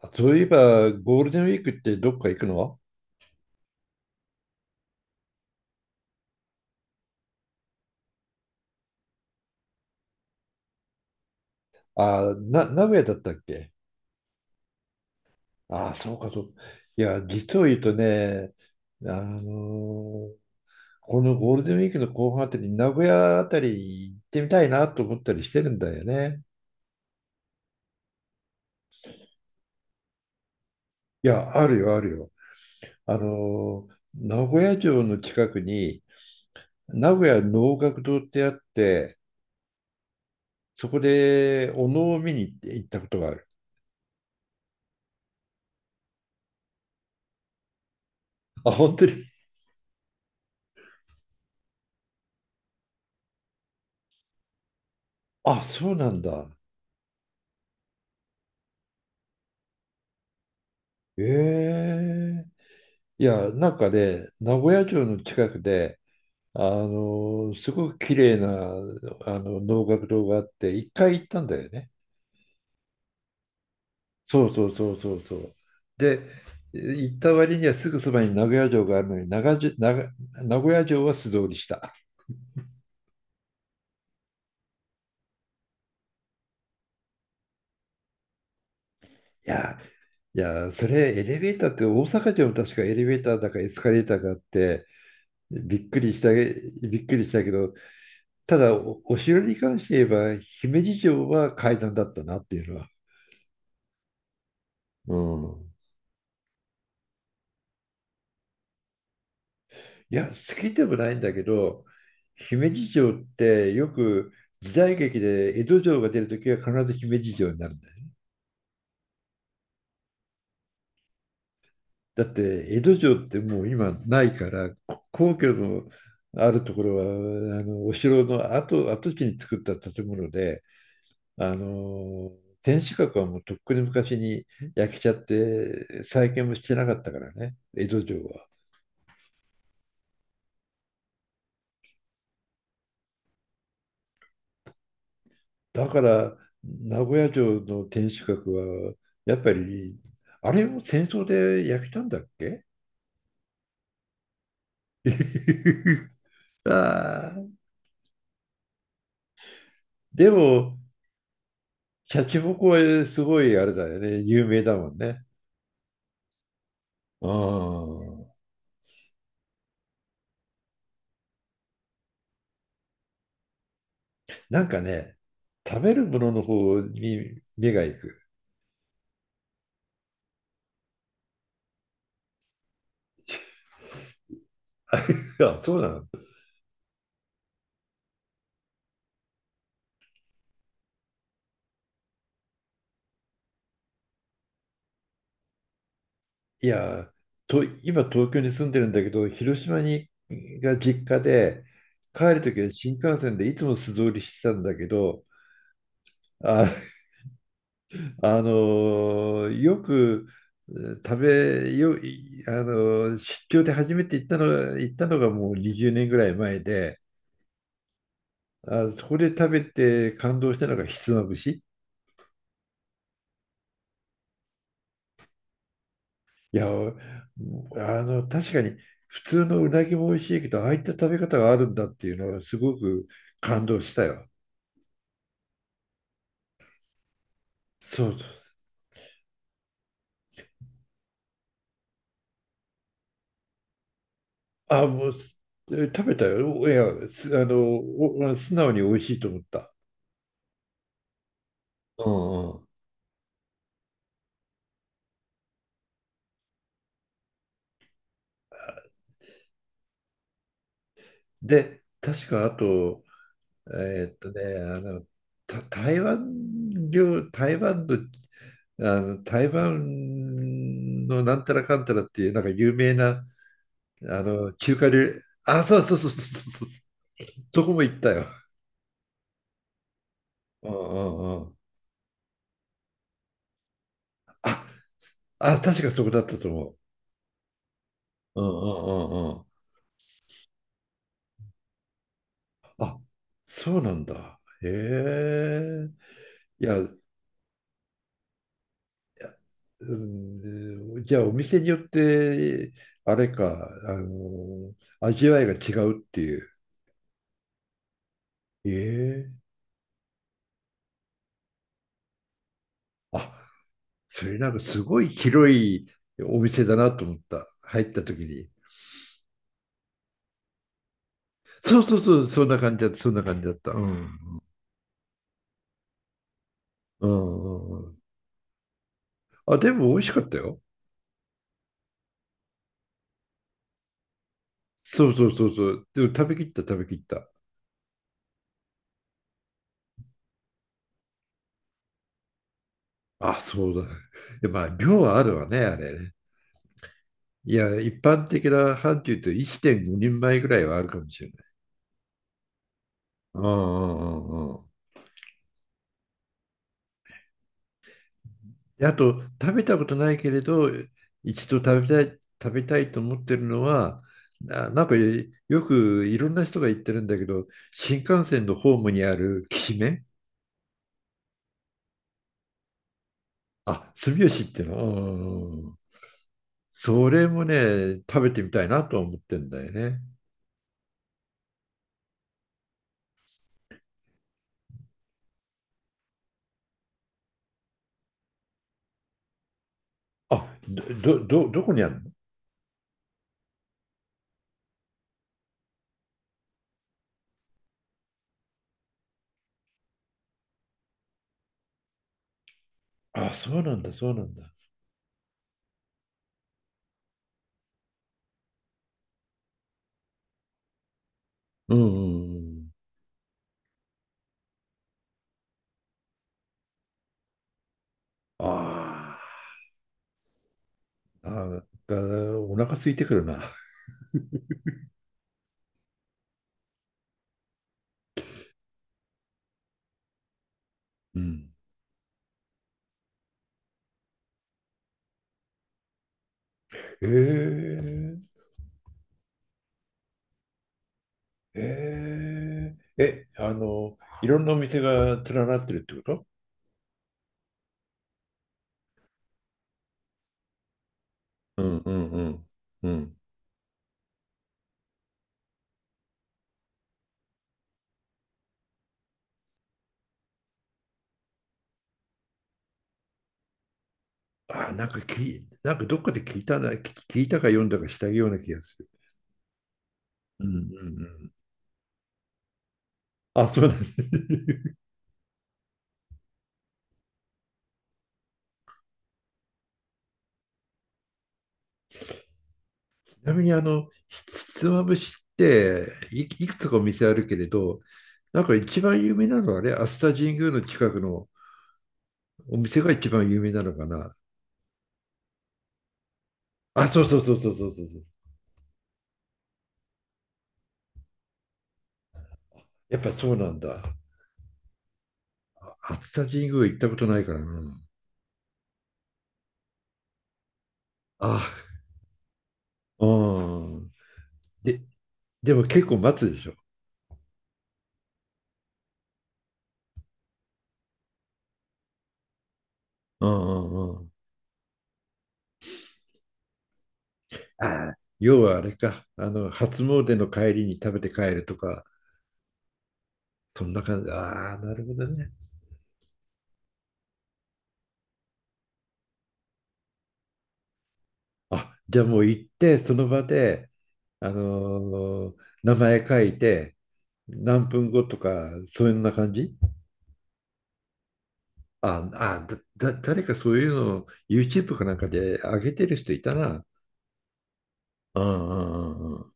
あ、そういえば、ゴールデンウィークってどっか行くの？名古屋だったっけ？あ、そうか、そう。いや、実を言うとね、あのーこのゴールデンウィークの後半あたり、名古屋あたり行ってみたいなと思ったりしてるんだよね。いや、あるよ、あるよ。名古屋城の近くに、名古屋能楽堂ってあって、そこでお能を見に行ったことがある。あ、本当に。あ、そうなんだ。ええ、いや、なんかね、名古屋城の近くで、すごく綺麗な能楽堂があって、一回行ったんだよね。そうそうそうそうそう。で、行った割にはすぐそばに名古屋城があるのに、長じ長名古屋城は素通りした。いや、いや、それエレベーターって大阪城も確かエレベーターだかエスカレーターがあって、びっくりした、びっくりしたけど、ただお城に関して言えば、姫路城は階段だったなっていうのは。うん。いや、好きでもないんだけど、姫路城ってよく時代劇で江戸城が出るときは必ず姫路城になるんだよ。だって江戸城ってもう今ないから、皇居のあるところはお城の跡、跡地に作った建物で、あの天守閣はもうとっくに昔に焼けちゃって再建もしてなかったからね、江戸城は。だから名古屋城の天守閣はやっぱりあれも戦争で焼けたんだっけ？ あーでもシャチホコはすごいあれだよね、有名だもんね。うん。なんかね、食べるものの方に目が行く。いや、そうなの。いや、今東京に住んでるんだけど、広島が実家で、帰る時は新幹線でいつも素通りしてたんだけど、あよく、えー食べよあの出張で初めて行ったのがもう20年ぐらい前で、あそこで食べて感動したのがひつまぶし。いや、確かに、普通のうなぎも美味しいけど、ああいった食べ方があるんだっていうのはすごく感動したよ。そうそう。もう食べたよ、いやすあのお素直に美味しいと思った。うんうん。で、確かあと、えーっとね、あの、た台湾料、台湾の、台湾のなんたらかんたらっていう、なんか有名な、中華料理、あ、そうそうそうそうそうそう、どこも行ったよ。うんうんうん。あ、あ、確かそこだったと思う。うんうんうんうん。あ、そうなんだ。へえ。いや、いや、うん、じゃあ、お店によって、あれか、味わいが違うっていう。ええ、あ、それなんかすごい広いお店だなと思った、入った時に。そうそうそう、そんな感じだった、そんな感じだった。うん。うんうんうん。あ、でも美味しかったよ。そうそうそうそう。でも食べきった、食べきった。あ、そうだ。で、まあ、量はあるわね、あれね。いや、一般的な範疇と1.5人前ぐらいはあるかもしれない。うんうんうんうん。で、あと、食べたことないけれど、一度食べたいと思ってるのは、なんかよく、いろんな人が言ってるんだけど、新幹線のホームにあるきしめん、あ、住吉っていうの、うんうんうん、それもね、食べてみたいなと思ってんだよね。あ、どこにあるの？あ、そうなんだ、そうなんだ。うんうんうん。ああ、なんかお腹空いてくるな。うん。へえ。いろんなお店が連なってるってこと？うんうんうんうん。なんかき、なんかどっかで聞いたな、聞いたか読んだかしたような気がする。うんうんうん。あ、そうなんです。ちなみに、ひつまぶしっていくつかお店あるけれど、なんか一番有名なのはね、熱田神宮の近くのお店が一番有名なのかな？あ、そうそうそうそうそうそうそう。やっぱそうなんだ。熱田神宮行ったことないからな。あ、うん。で、でも結構待つでしょ？うんうんうん。ああ、要はあれか。初詣の帰りに食べて帰るとか、そんな感じ？ああ、なるほどね。あ、じゃあもう行って、その場で、あのー名前書いて、何分後とか、そういうような感じ？ああ、誰かそういうのを YouTube かなんかで上げてる人いたな。うんうんうんうん。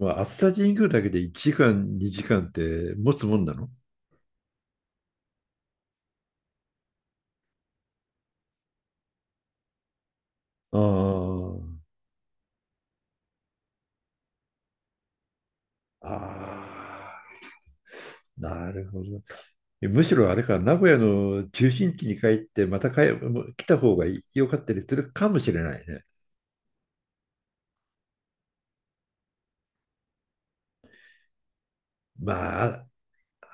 まあ、熱田神宮だけで1時間、2時間って持つもんなの？ああ。ああ、なるほど。むしろあれか、名古屋の中心地に帰って、またもう来た方が良かったりするかもしれないね。まあ、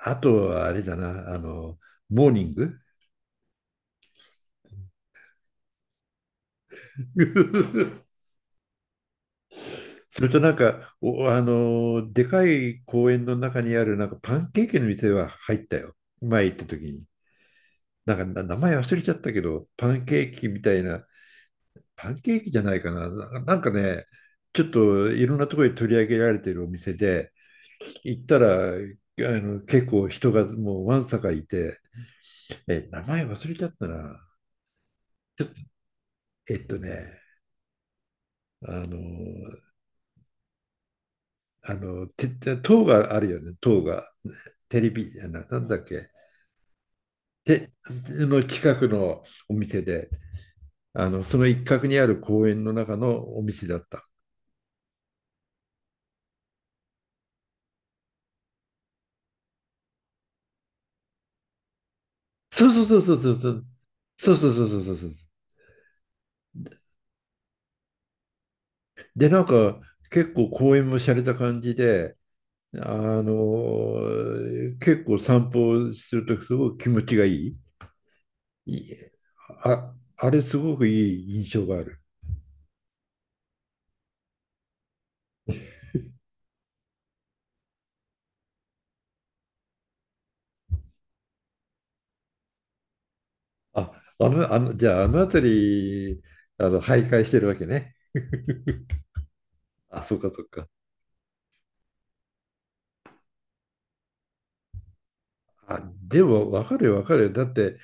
あとはあれだな、モーニング。 それとなんか、お、あの、でかい公園の中にあるなんかパンケーキの店は入ったよ。前行った時に。なんか、名前忘れちゃったけど、パンケーキみたいなパンケーキじゃないかな。なんかね、ちょっといろんなところに取り上げられているお店で、行ったら、結構人がもうわんさかいて、名前忘れちゃったな。えっとね、あの、あの、て、塔があるよね、塔が。テレビ、なんだっけ。て、の近くのお店で、その一角にある公園の中のお店だった。そうそうそうそうそうそう。そうそうそうそうそうそう。で、なんか結構公園も洒落た感じで、あの結構散歩するとすごく気持ちがいい。いいあれすごくいい印象がある。あ、じゃああの辺り、徘徊してるわけね？あ、そうかそうか。あ、でも分かるよ、分かるよ。だって、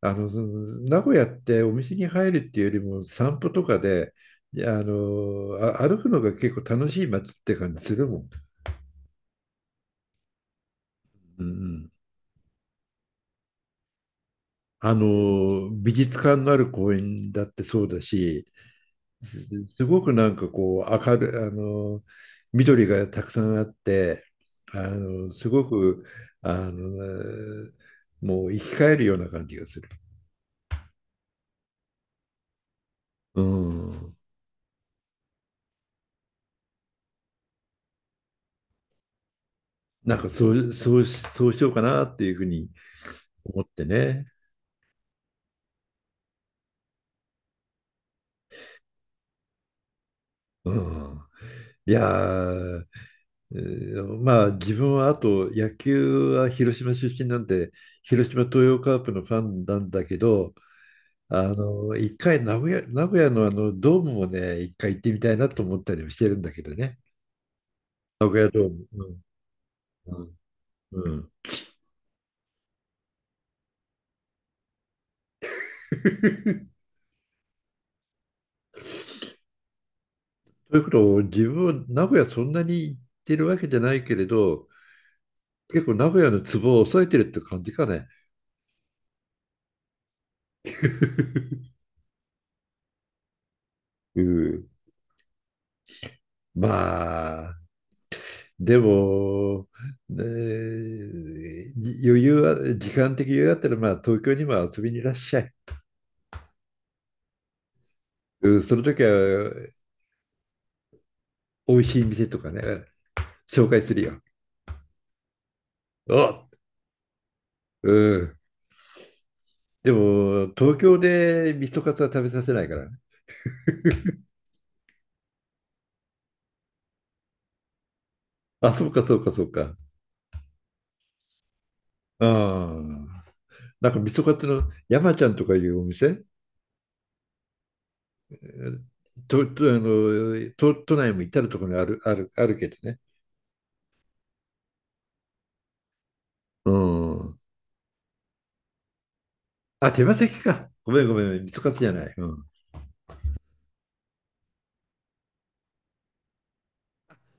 その名古屋ってお店に入るっていうよりも散歩とかで、いや、歩くのが結構楽しい街って感じするもん。うんうん。美術館のある公園だってそうだし、すごくなんかこう、明るい、緑がたくさんあって、すごく、あの、もう生き返るような感じがする。うん。なんかそうしようかなっていうふうに思ってね。うん。いやー、まあ、自分はあと、野球は広島出身なんで、広島東洋カープのファンなんだけど、一回名古屋のドームもね、一回行ってみたいなと思ったりもしてるんだけどね。名古屋ドーム。うん。うん。うん。 ということを自分は名古屋そんなに行ってるわけじゃないけれど、結構名古屋のツボを抑えてるって感じかね？うん。まあ、でも、ねじ余裕は、時間的余裕があったら、まあ、東京にも遊びにいらっしゃい。うん、その時は、美味しい店とかね、紹介するよ。お、うん。でも、東京で味噌カツは食べさせないからね。あ、そうか、そうか、そうか。ああ。なんか味噌カツの山ちゃんとかいうお店、えーと、と、あの、都内も至るところにある、ある、あるけどね。うん。あ、手羽先か。ごめん、ごめん、味噌カツじゃない。うん。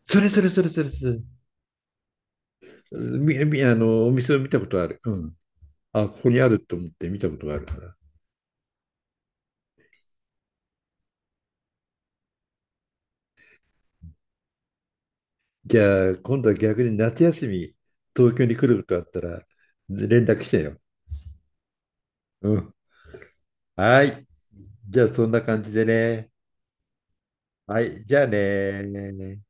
それ、それ、それ、それ、それ。み、み、あの、お店を見たことある。うん。あ、ここにあると思って見たことがあるから。じゃあ、今度は逆に夏休み、東京に来ることあったら、連絡してよ。うん。はい。じゃあ、そんな感じでね。はい。じゃあね。